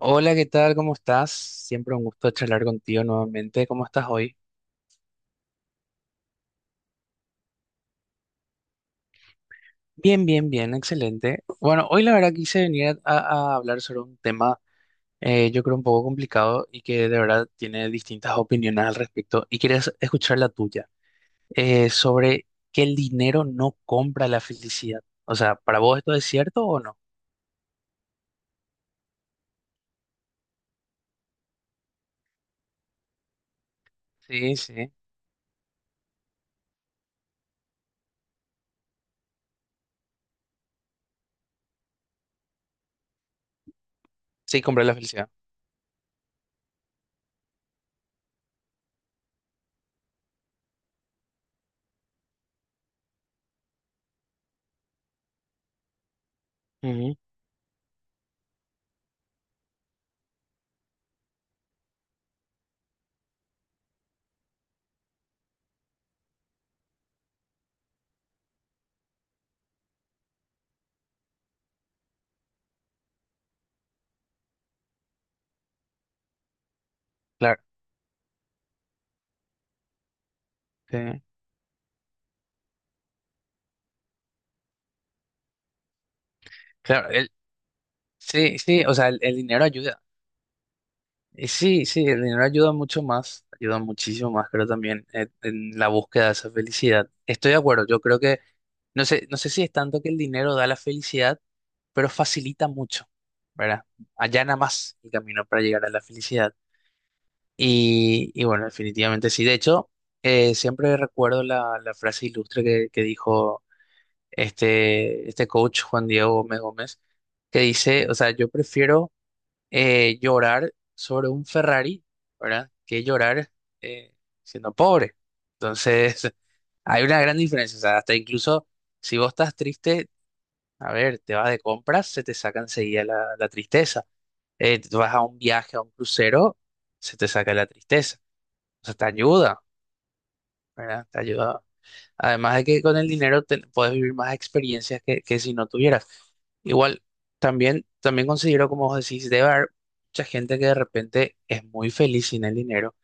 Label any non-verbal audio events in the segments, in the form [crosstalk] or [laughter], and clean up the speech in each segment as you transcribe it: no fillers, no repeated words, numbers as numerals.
Hola, ¿qué tal? ¿Cómo estás? Siempre un gusto charlar contigo nuevamente. ¿Cómo estás hoy? Bien, bien, bien, excelente. Bueno, hoy la verdad quise venir a hablar sobre un tema, yo creo un poco complicado y que de verdad tiene distintas opiniones al respecto y quería escuchar la tuya, sobre que el dinero no compra la felicidad. O sea, ¿para vos esto es cierto o no? Sí, sí, sí, compra la felicidad. Ujú. Claro, sí, claro, sí, sí, o sea, el dinero ayuda. Y sí, sí, el dinero ayuda mucho más, ayuda muchísimo más, creo también, en la búsqueda de esa felicidad. Estoy de acuerdo, yo creo que, no sé, no sé si es tanto que el dinero da la felicidad, pero facilita mucho, ¿verdad? Allana más el camino para llegar a la felicidad. Y bueno, definitivamente sí. De hecho, siempre recuerdo la frase ilustre que dijo este coach Juan Diego Gómez Gómez, que dice, o sea, yo prefiero llorar sobre un Ferrari, ¿verdad? Que llorar eh, siendo pobre. Entonces, [laughs] hay una gran diferencia. O sea, hasta incluso si vos estás triste, a ver, te vas de compras, se te saca enseguida la tristeza. Tú vas a un viaje, a un crucero, se te saca la tristeza. O sea, te ayuda, ¿verdad? Te ayuda. Además de que con el dinero puedes vivir más experiencias que si no tuvieras. Igual, también, también considero, como vos decís, debe haber mucha gente que de repente es muy feliz sin el dinero.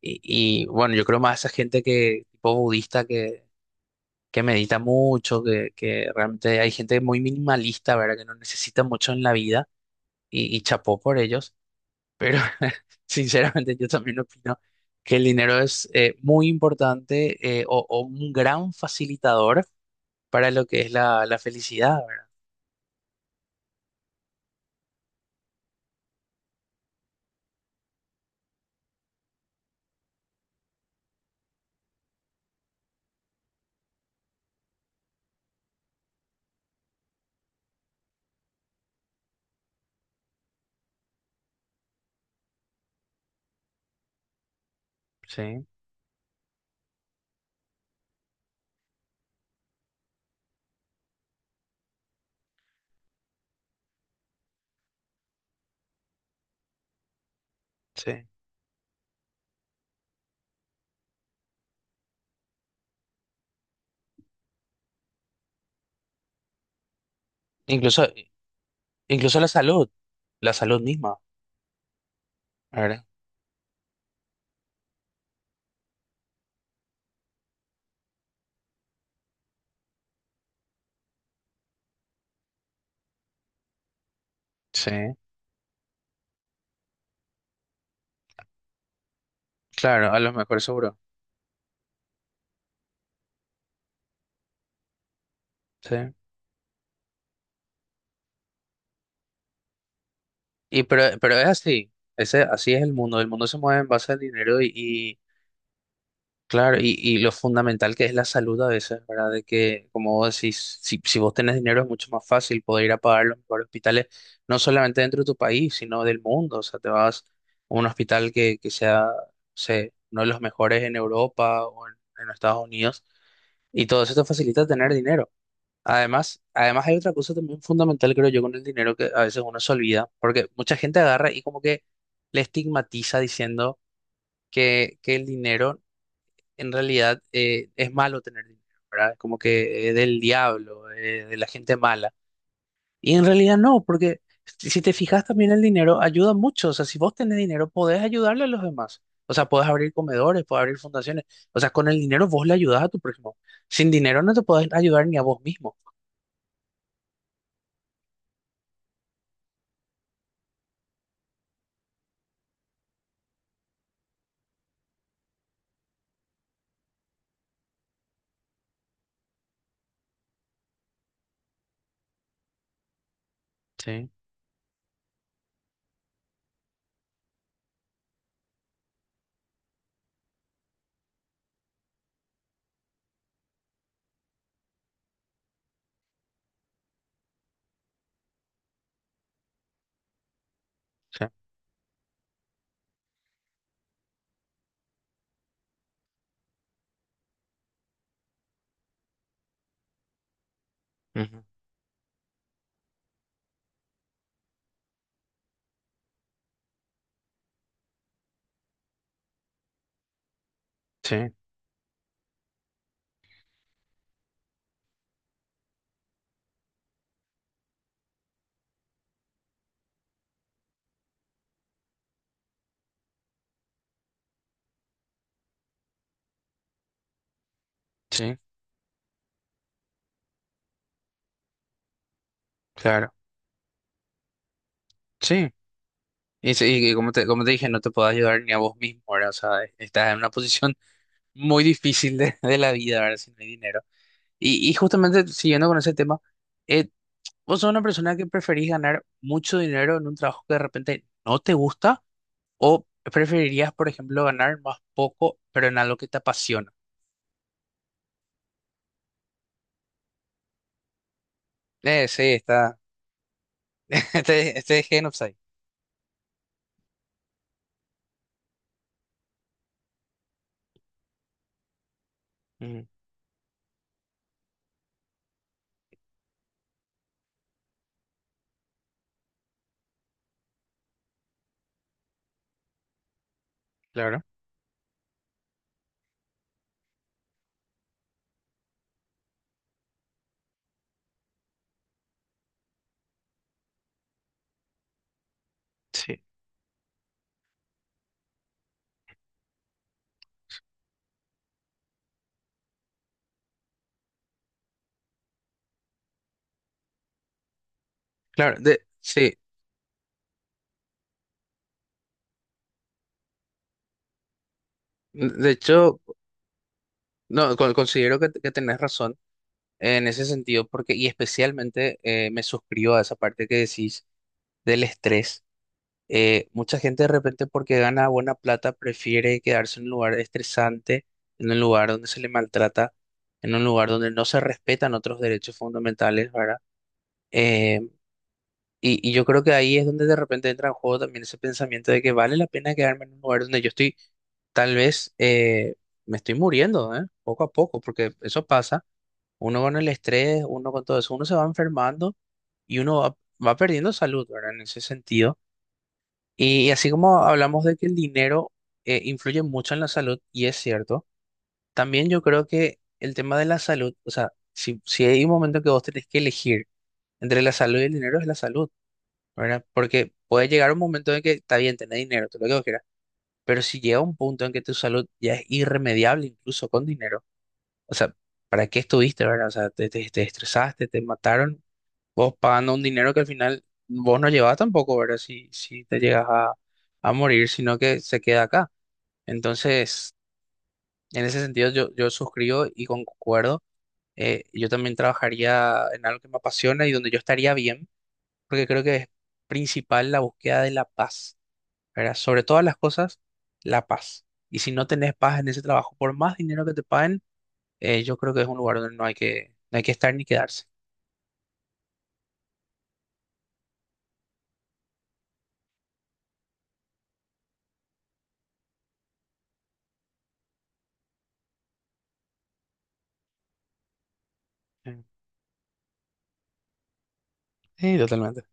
Y bueno, yo creo más esa gente tipo budista, que medita mucho, que realmente hay gente muy minimalista, ¿verdad? Que no necesita mucho en la vida y chapó por ellos. Pero [laughs] sinceramente yo también opino que el dinero es muy importante, eh, o un gran facilitador para lo que es la felicidad, ¿verdad? Sí, sí. Incluso, incluso la salud misma, ¿verdad? Sí, claro, a lo mejor seguro. Sí. Y pero es así, ese, así es el mundo se mueve en base al dinero. Y claro, y lo fundamental que es la salud a veces, ¿verdad? De que, como vos decís, si vos tenés dinero es mucho más fácil poder ir a pagar los mejores hospitales, no solamente dentro de tu país, sino del mundo. O sea, te vas a un hospital que sea, no sé, uno de los mejores en Europa en Estados Unidos, y todo eso te facilita tener dinero. Además, además hay otra cosa también fundamental, creo yo, con el dinero que a veces uno se olvida, porque mucha gente agarra y como que le estigmatiza diciendo que el dinero en realidad, es malo tener dinero, ¿verdad? Es como que es del diablo, de la gente mala. Y en realidad no, porque si te fijas también el dinero ayuda mucho. O sea, si vos tenés dinero, podés ayudarle a los demás. O sea, podés abrir comedores, podés abrir fundaciones. O sea, con el dinero vos le ayudás a tu prójimo. Sin dinero no te podés ayudar ni a vos mismo. Sí, sí, ujú, sí, sí, claro, sí. Y, sí, y como te dije, no te podés ayudar ni a vos mismo, ¿verdad? O sea, estás en una posición muy difícil de la vida, ¿verdad? Si no hay dinero. Y justamente siguiendo con ese tema, eh, ¿vos sos una persona que preferís ganar mucho dinero en un trabajo que de repente no te gusta o preferirías, por ejemplo, ganar más poco, pero en algo que te apasiona? Sí, está. [laughs] Este es Gen of Sai. Ujú. Claro, sí, claro, de, sí. De hecho, no, considero que tenés razón en ese sentido, porque, y especialmente, me suscribo a esa parte que decís del estrés. Mucha gente de repente porque gana buena plata prefiere quedarse en un lugar estresante, en un lugar donde se le maltrata, en un lugar donde no se respetan otros derechos fundamentales, ¿verdad? Eh, y yo creo que ahí es donde de repente entra en juego también ese pensamiento de que vale la pena quedarme en un lugar donde yo estoy, tal vez, me estoy muriendo, ¿eh? Poco a poco, porque eso pasa. Uno con el estrés, uno con todo eso, uno se va enfermando y va perdiendo salud, ¿verdad? En ese sentido. Y así como hablamos de que el dinero influye mucho en la salud, y es cierto, también yo creo que el tema de la salud, o sea, si hay un momento que vos tenés que elegir entre la salud y el dinero, es la salud, ¿verdad? Porque puede llegar un momento en que está bien tener dinero, todo lo que vos quieras, pero si llega un punto en que tu salud ya es irremediable, incluso con dinero, o sea, ¿para qué estuviste, verdad? O sea, te estresaste, te mataron vos pagando un dinero que al final vos no llevás tampoco, ¿verdad? Si te llegas a morir, sino que se queda acá. Entonces, en ese sentido yo suscribo y concuerdo. Yo también trabajaría en algo que me apasiona y donde yo estaría bien, porque creo que es principal la búsqueda de la paz, ¿verdad? Sobre todas las cosas, la paz. Y si no tenés paz en ese trabajo, por más dinero que te paguen, yo creo que es un lugar donde no hay que estar ni quedarse. Mm. Sí, totalmente.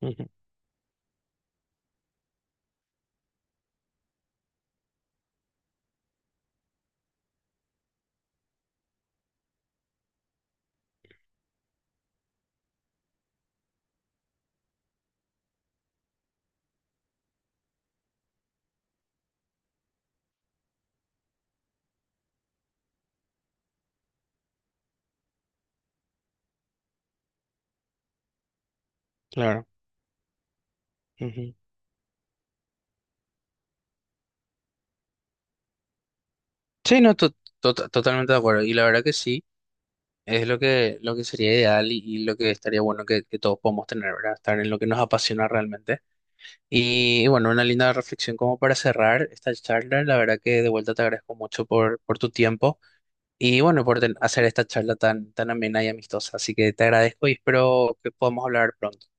Ujú. Claro. Ujú. Sí, no, totalmente de acuerdo. Y la verdad que sí, es lo que sería ideal y lo que estaría bueno que todos podamos tener, ¿verdad? Estar en lo que nos apasiona realmente. Y, bueno, una linda reflexión como para cerrar esta charla. La verdad que de vuelta te agradezco mucho por tu tiempo y bueno, por hacer esta charla tan, tan amena y amistosa. Así que te agradezco y espero que podamos hablar pronto.